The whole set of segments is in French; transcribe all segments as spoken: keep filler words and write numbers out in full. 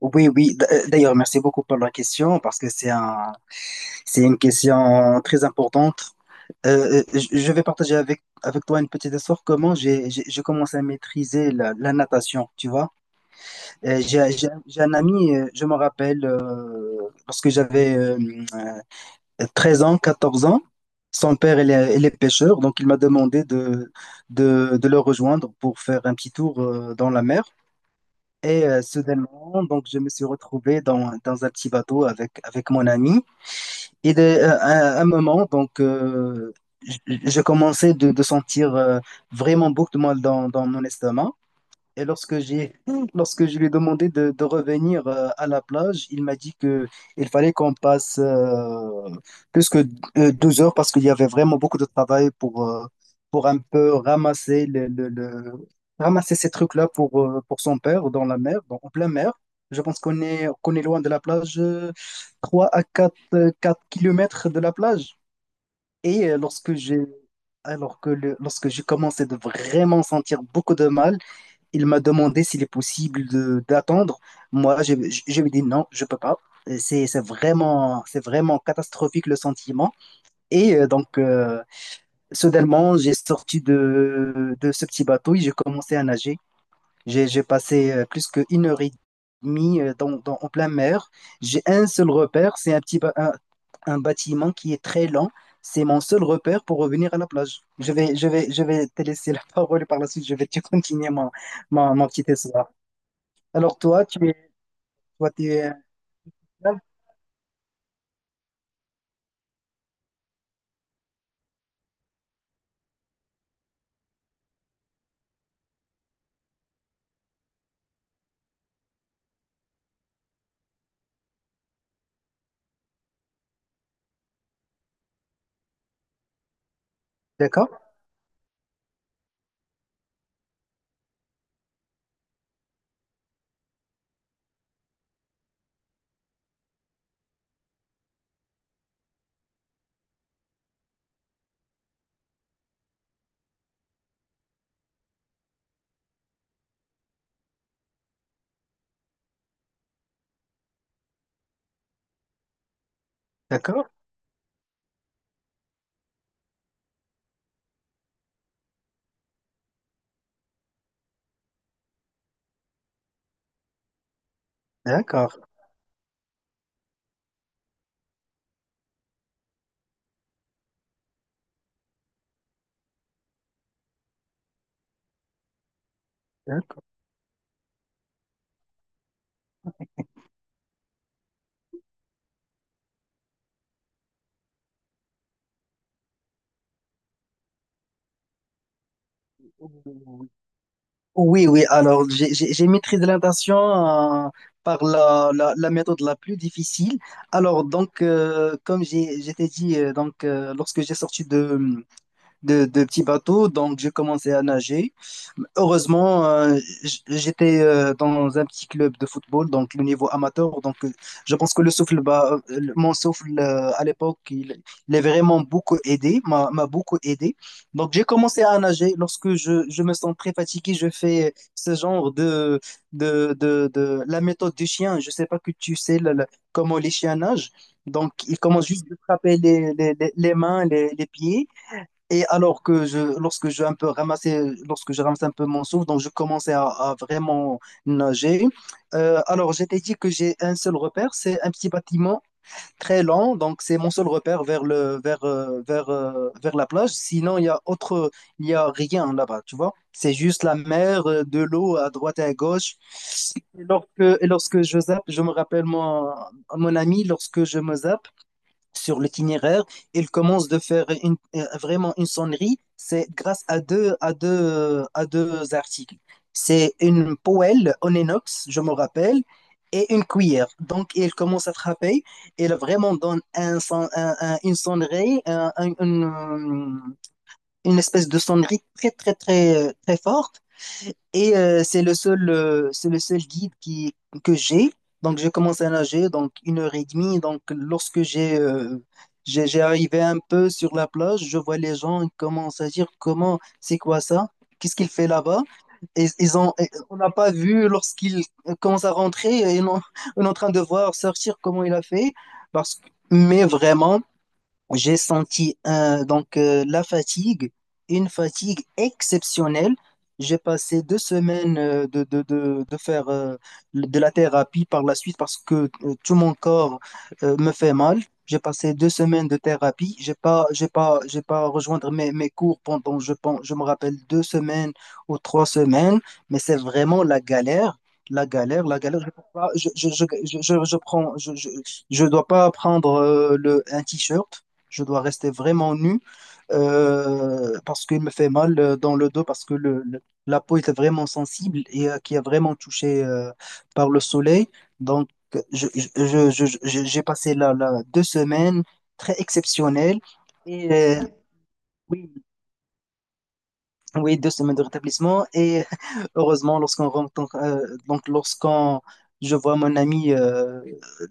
Oui, oui. D- euh, D'ailleurs, merci beaucoup pour la question parce que c'est un, c'est une question très importante. Euh, euh, je je vais partager avec, avec toi une petite histoire. Comment j'ai j'ai- j'ai commencé à maîtriser la, la natation, tu vois. Euh, J'ai j'ai- j'ai un ami, euh, je me rappelle, euh, lorsque j'avais euh, euh, treize ans, quatorze ans. Son père, il est, il est pêcheur, donc il m'a demandé de, de, de le rejoindre pour faire un petit tour euh, dans la mer. Et euh, soudainement, donc, je me suis retrouvé dans, dans un petit bateau avec, avec mon ami. Et de- euh, à un moment, donc, euh, je, je commençais de, de sentir euh, vraiment beaucoup de mal dans, dans mon estomac. Et lorsque j'ai, Lorsque je lui ai demandé de, de revenir euh, à la plage, il m'a dit que il fallait qu'on passe euh, plus que euh, douze heures, parce qu'il y avait vraiment beaucoup de travail pour, euh, pour un peu ramasser le, le- le- ramasser ces trucs-là pour, euh, pour son père dans la mer, donc en pleine mer. Je pense qu'on est, qu'on est loin de la plage, euh, trois à quatre euh, quatre kilomètres de la plage. Et euh, lorsque j'ai Alors que le- lorsque J'ai commencé de vraiment sentir beaucoup de mal. Il m'a demandé s'il est possible de d'attendre. Moi, je, je, je lui ai dit non, je peux pas. Euh, C'est c'est vraiment, c'est vraiment catastrophique, le sentiment. Et euh, donc, euh, soudainement, j'ai sorti de, de ce petit bateau et j'ai commencé à nager. J'ai j'ai passé euh, plus qu'une heure et demie euh, dans, dans- en plein mer. J'ai un seul repère, c'est un petit ba- un, un bâtiment qui est très lent. C'est mon seul repère pour revenir à la plage. Je vais, je vais, je vais te laisser la parole, et par la suite, je vais te continuer mon, mon, mon petit essai. Alors toi, tu es, Toi, tu es esclave. D'accord, d'accord, d'accord, d'accord. Oui, oui. Alors, j'ai j'ai- j'ai maîtrisé la natation, euh, par la, la, la méthode la plus difficile. Alors, donc, euh, comme j'ai, je t'ai dit, euh, donc, euh, lorsque j'ai sorti de, de, de petits bateaux, donc j'ai commencé à nager. Heureusement, euh, j- j'étais euh, dans un petit club de football, donc le niveau amateur. Donc, euh, je pense que le souffle, bah euh, le- mon souffle euh, à l'époque, il, il est vraiment beaucoup aidé, m'a m'a beaucoup aidé. Donc, j'ai commencé à nager. Lorsque je, je me sens très fatigué, je fais ce genre de, de, de, de la méthode du chien. Je sais pas que tu sais le- le- comment les chiens nagent. Donc, ils commencent juste de frapper les, les, les les mains, les, les pieds. Et alors que je, lorsque je un peu ramassais, Lorsque je ramassais un peu mon souffle, donc je commençais à, à vraiment nager. Euh, alors j'étais dit que j'ai un seul repère, c'est un petit bâtiment très lent, donc c'est mon seul repère vers le, vers, euh, vers, euh, vers la plage. Sinon il y a autre, Il y a rien là-bas, tu vois. C'est juste la mer, euh, de l'eau à droite et à gauche. Et lorsque, et lorsque je zappe, je me rappelle mon, mon ami, lorsque je me zappe sur l'itinéraire. Il commence de faire une- euh, vraiment une sonnerie. C'est grâce à deux, à deux, à deux articles. C'est une poêle en inox, je me rappelle, et une cuillère. Donc, il commence à frapper. Il vraiment donne un, son- un- un- une sonnerie, un- un- une, une espèce de sonnerie très, très, très, euh, très forte. Et euh, c'est le seul, euh, c'est le seul guide qui, que j'ai. Donc, j'ai commencé à nager, donc une heure et demie. Donc, lorsque j'ai euh, j'ai j'ai arrivé un peu sur la plage, je vois les gens, ils commencent à dire comment, c'est quoi ça? Qu'est-ce qu'il fait là-bas? Et ils ont, et on n'a pas vu lorsqu'il commence à rentrer, et on, on est en train de voir sortir comment il a fait. Parce que, mais vraiment, j'ai senti euh, donc euh, la fatigue, une fatigue exceptionnelle. J'ai passé deux semaines euh, de, de, de, de faire euh, de la thérapie par la suite, parce que euh, tout mon corps euh, me fait mal. J'ai passé deux semaines de thérapie. J'ai pas, j'ai pas, j'ai pas rejoindre mes, mes cours pendant, je pense, je me rappelle, deux semaines ou trois semaines, mais c'est vraiment la galère. La galère, la galère. Je, peux pas- je, je, je, je, je je prends, je, je, Je dois pas prendre euh, le, un t-shirt. Je dois rester vraiment nu, euh, parce qu'il me fait mal, euh, dans le dos, parce que le, le- la peau était vraiment sensible et, euh, qui est vraiment touchée, euh, par le soleil. Donc, je, je- je- je- je- j'ai passé là, là deux semaines très exceptionnelles. Et euh, oui, oui, deux semaines de rétablissement. Et heureusement, lorsqu'on rentre, euh, donc lorsqu'on je vois mon ami. euh,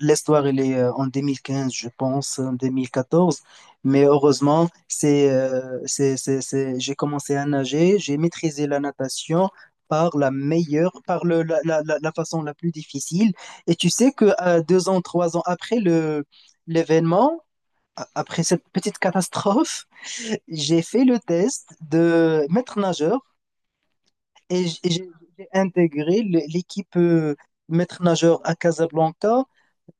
L'histoire, elle est, euh, en deux mille quinze, je pense, en deux mille quatorze. Mais heureusement, c'est euh, c'est c'est c'est- j'ai commencé à nager, j'ai maîtrisé la natation par la meilleure, par le la, la, la la façon la plus difficile. Et tu sais que, euh, deux ans, trois ans après le l'événement, a- après cette petite catastrophe, j'ai fait le test de maître nageur, et j- et j'ai j'ai intégré le- l'équipe, euh, maître nageur, à Casablanca.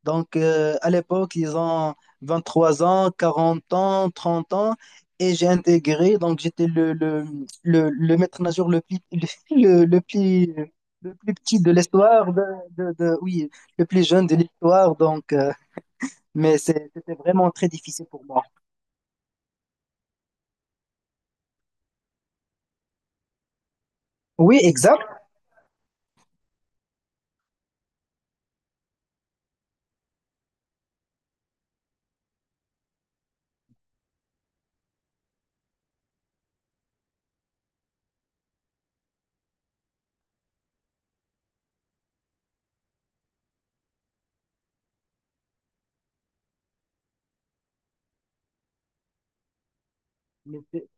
Donc, euh, à l'époque, ils ont vingt-trois ans, quarante ans, trente ans, et j'ai intégré. Donc, j'étais le, le, le, le maître nageur le plus, le, le- le plus, le plus petit de l'histoire, de, de- de- oui, le plus jeune de l'histoire. Donc, euh, mais c'est- c'était vraiment très difficile pour moi. Oui, exact. Mais c'est-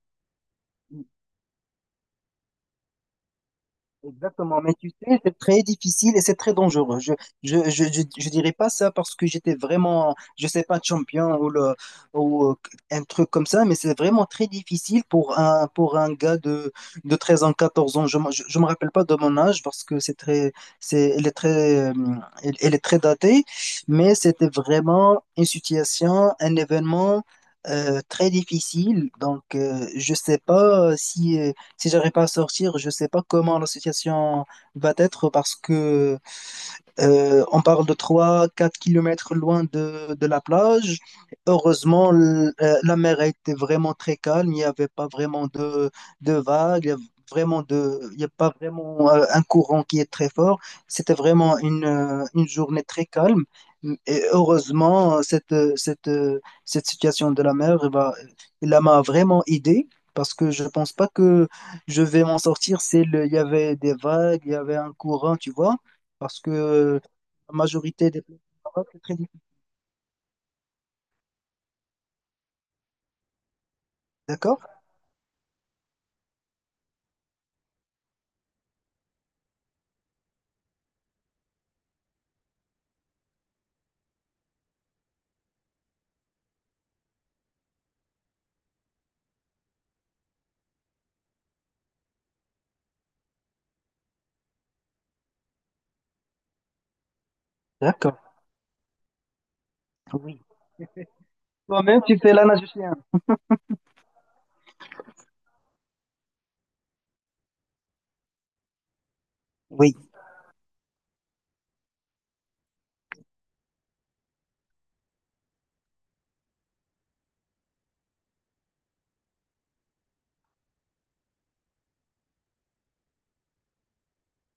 Exactement, mais tu sais, c'est très difficile et c'est très dangereux. Je, je, je, je, je dirais pas ça parce que j'étais vraiment, je sais pas, champion, ou, le, ou euh, un truc comme ça, mais c'est vraiment très difficile pour un, pour un gars de, de treize ans, quatorze ans. Je, me- je, je me rappelle pas de mon âge parce que c'est très, c'est, elle est très, euh, elle, elle est très datée, mais c'était vraiment une situation, un événement, euh, très difficile. Donc, euh, je sais pas si. Euh, si j'arrive pas à sortir, je sais pas comment la situation va être, parce que euh, on parle de trois, quatre kilomètres loin de, de la plage. Heureusement, l- euh, la mer était vraiment très calme. Il n'y avait pas vraiment de, de vagues. Il y avait vraiment de, Il n'y a pas vraiment, euh, un courant qui est très fort. C'était vraiment une, euh, une journée très calme. Et heureusement, cette, euh, cette, euh, cette situation de la mer, eh ben, elle m'a vraiment aidé. Parce que je pense pas que je vais m'en sortir. C'est le, il y avait des vagues, il y avait un courant, tu vois, parce que euh, la majorité des plats du Maroc, c'est très difficile. D'accord? D'accord. Oui. Toi-même, tu fais la nage océan. Oui,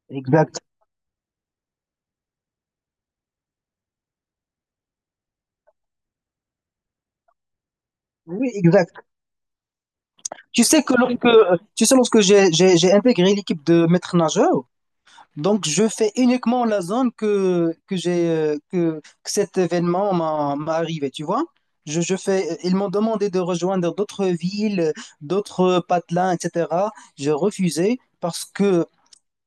exact. Oui, exact. Tu sais que lorsque, euh, tu sais, lorsque j'ai, j'ai, j'ai intégré l'équipe de maître nageur, donc je fais uniquement la zone que, que j'ai, euh, que, que cet événement m'a, m'a arrivé, tu vois? Je, je fais, ils m'ont demandé de rejoindre d'autres villes, d'autres patelins, et cetera. J'ai refusé parce que,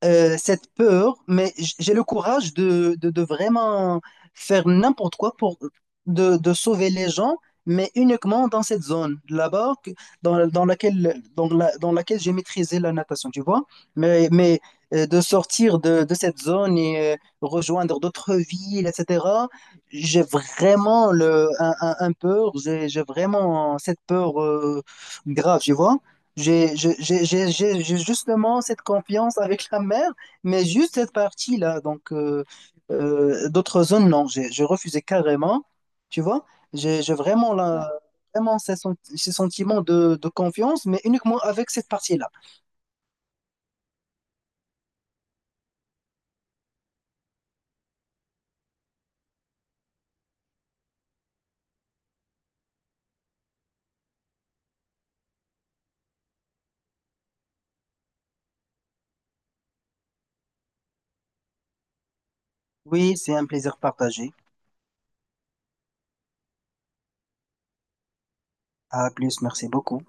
euh, cette peur, mais j- j'ai le courage de, de, de vraiment faire n'importe quoi pour de, de sauver les gens, mais uniquement dans cette zone là-bas que- dans, dans laquelle, dans la- dans laquelle j'ai maîtrisé la natation, tu vois. Mais, mais euh, de sortir de, de cette zone et, euh, rejoindre d'autres villes, et cetera, j'ai vraiment le, un, un- un peur, j'ai j'ai vraiment cette peur, euh, grave, tu vois. J'ai je- j'ai- j'ai- j'ai- j'ai justement cette confiance avec la mer, mais juste cette partie-là. Donc, euh, euh, d'autres zones, non, j'ai j'ai refusé carrément. Tu vois, j'ai j'ai vraiment, la, vraiment ces, sen- ces sentiments de, de confiance, mais uniquement avec cette partie-là. Oui, c'est un plaisir partagé. À plus, merci beaucoup.